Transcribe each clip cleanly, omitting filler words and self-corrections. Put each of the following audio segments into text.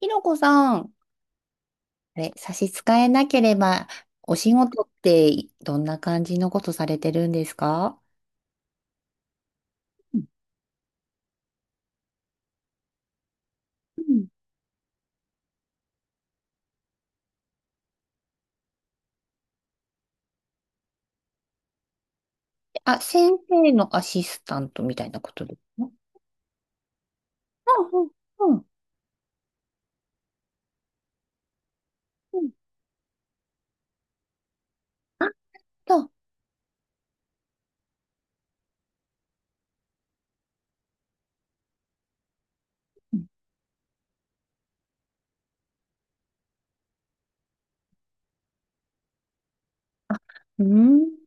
ひろこさん、あれ、差し支えなければ、お仕事ってどんな感じのことされてるんですか？うんうん。あ、先生のアシスタントみたいなことですか？うんうんうんうん。あ、そう。うん。あ、うん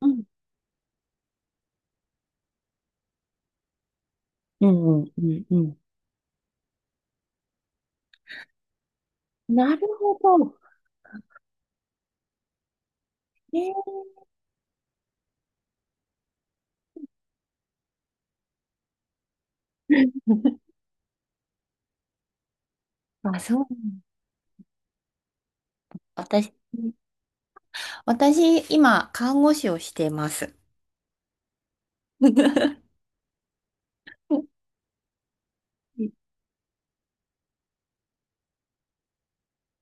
うんうんうん。うん、なるほど。ね。 あ、そう。私、私、今、看護師をしてます。うん。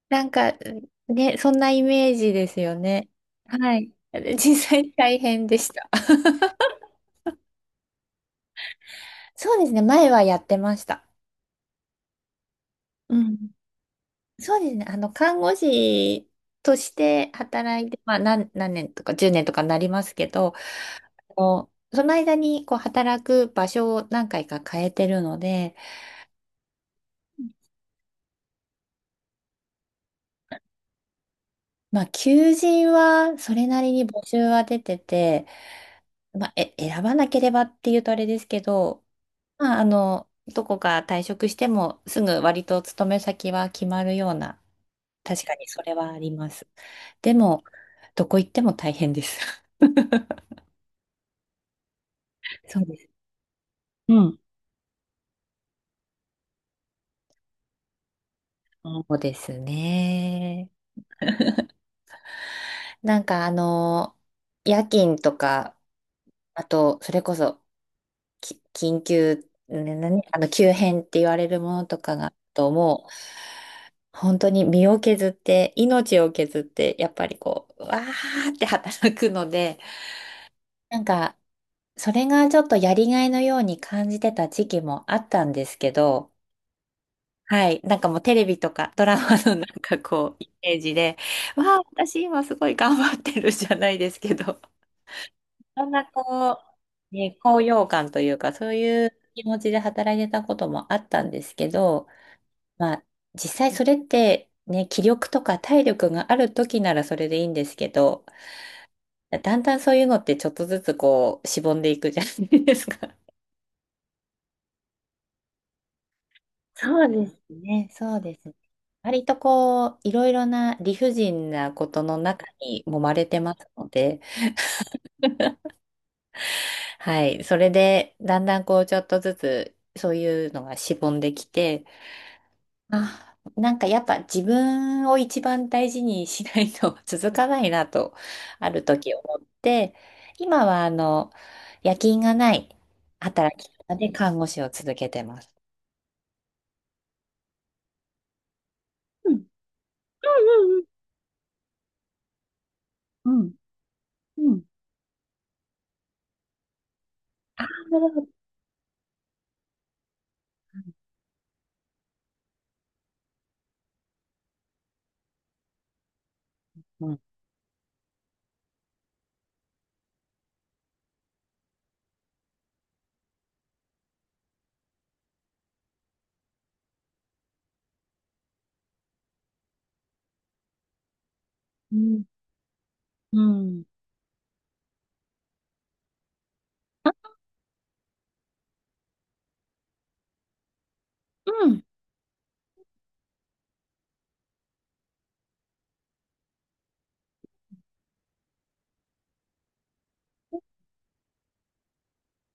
なんか、ね、そんなイメージですよね。はい。実際大変でした。そうですね、前はやってました。うん。そうですね、あの、看護師として働いて、まあ、何年とか10年とかになりますけど、あのその間にこう働く場所を何回か変えてるので、まあ、求人はそれなりに募集は出てて、まあ、選ばなければっていうとあれですけど、まあ、あの、どこか退職してもすぐ割と勤め先は決まるような、確かにそれはあります。でも、どこ行っても大変です。そうです。うん。そうですね。なんかあの、夜勤とか、あと、それこそ、緊急、ね、何あの、急変って言われるものとかが、と、もう、本当に身を削って、命を削って、やっぱりこう、わーって働くので、なんか、それがちょっとやりがいのように感じてた時期もあったんですけど、はい。なんかもうテレビとかドラマのなんかこう、イメージで、わあ、私今すごい頑張ってるじゃないですけど、そんなこう、ね、高揚感というか、そういう気持ちで働いてたこともあったんですけど、まあ、実際それってね、気力とか体力がある時ならそれでいいんですけど、だんだんそういうのってちょっとずつこう、しぼんでいくじゃないですか。そうですね、そうですね。割とこう、いろいろな理不尽なことの中に揉まれてますので、はい。それで、だんだんこう、ちょっとずつ、そういうのがしぼんできて、あ、なんかやっぱ自分を一番大事にしないと 続かないなと、ある時思って、今はあの、夜勤がない働き方で看護師を続けてます。うん、うん、うんうん。うん、なるほど。うん。うん。うんあ、うん。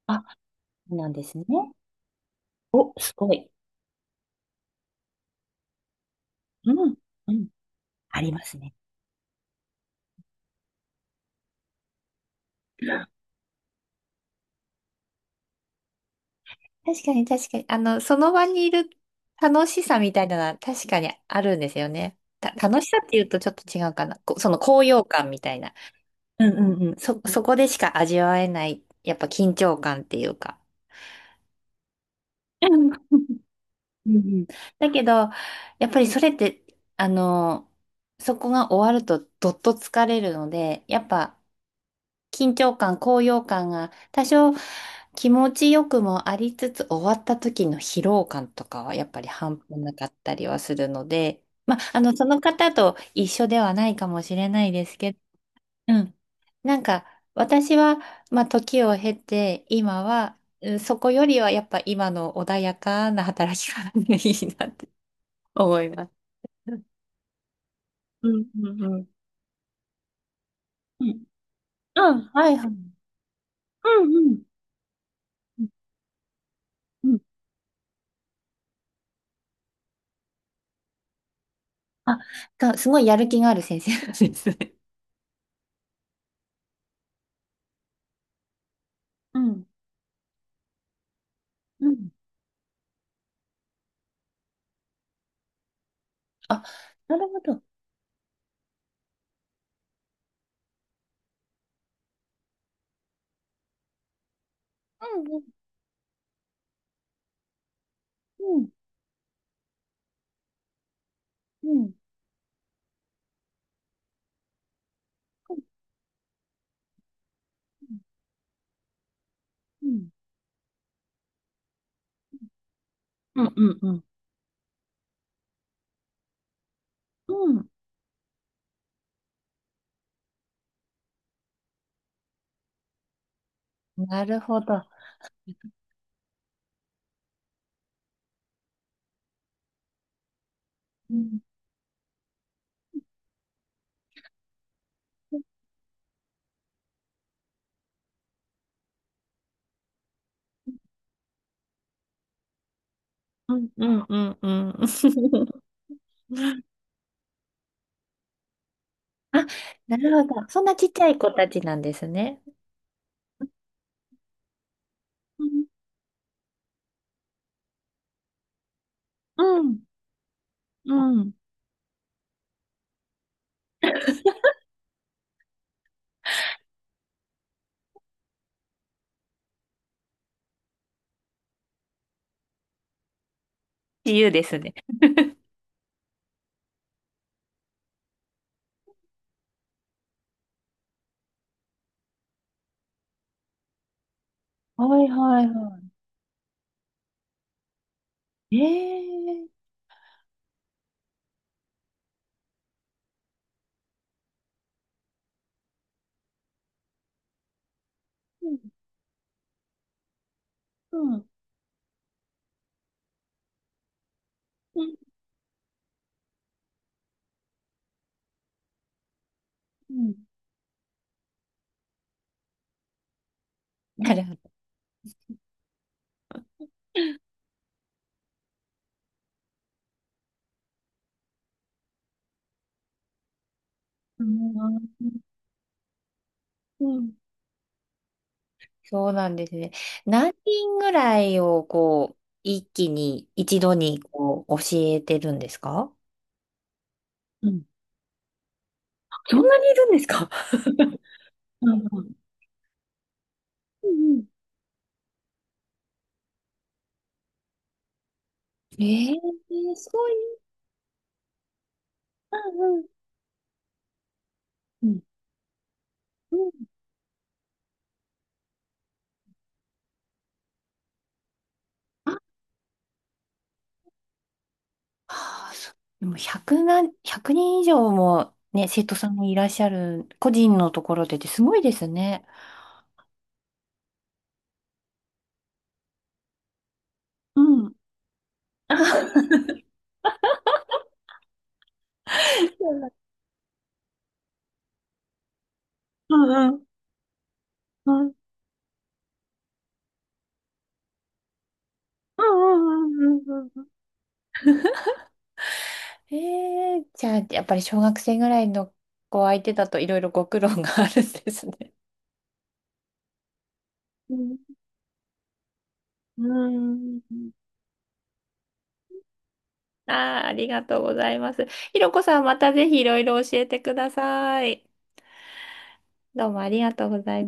あ、そうなんですね。お、すごい。うん、うん。ありますね。確かに確かに。あの、その場にいる楽しさみたいなのは確かにあるんですよね。楽しさっていうとちょっと違うかな。その高揚感みたいな。うんうんうん。そこでしか味わえない、やっぱ緊張感っていうか。うんうんうん。だけど、やっぱりそれって、あの、そこが終わるとどっと疲れるので、やっぱ緊張感、高揚感が多少気持ちよくもありつつ終わった時の疲労感とかはやっぱり半端なかったりはするので、まあ、あの、その方と一緒ではないかもしれないですけど、うん。なんか私は、まあ、時を経て今は、うん、そこよりはやっぱ今の穏やかな働き方がいいなって思います。うんうんうん。うん、うんはいはい。うんうん。うんあ、すごいやる気がある先生なんですね。うん、うん。あ、なるほど。うん、うん、うん、うん、うん、うん、うん。うん、なるほど。うん。うん、うん、うん、うん。あ、なるほど。そんなちっちゃい子たちなんですね。うんうんうん。自由ですね。はいはいはい。ええ。うんうんうんうん。なるほど。うんうん。そうなんですね。何人ぐらいをこう、一気に、一度にこう、教えてるんですか？うん。そんなにいるんですか？ うんうんうんうん。ええーすごい。うんうんうん。うんああー、そう。でも100何、1人以上もね、生徒さんもいらっしゃる、個人のところでってすごいですね。うん。あ。 うんうんうんうんうんうんうん。ええーじゃあ、やっぱり小学生ぐらいの子相手だといろいろご苦労があるんですね。うん。うんああ、ありがとうございます。ひろこさん、またぜひいろいろ教えてください。どうもありがとうございます。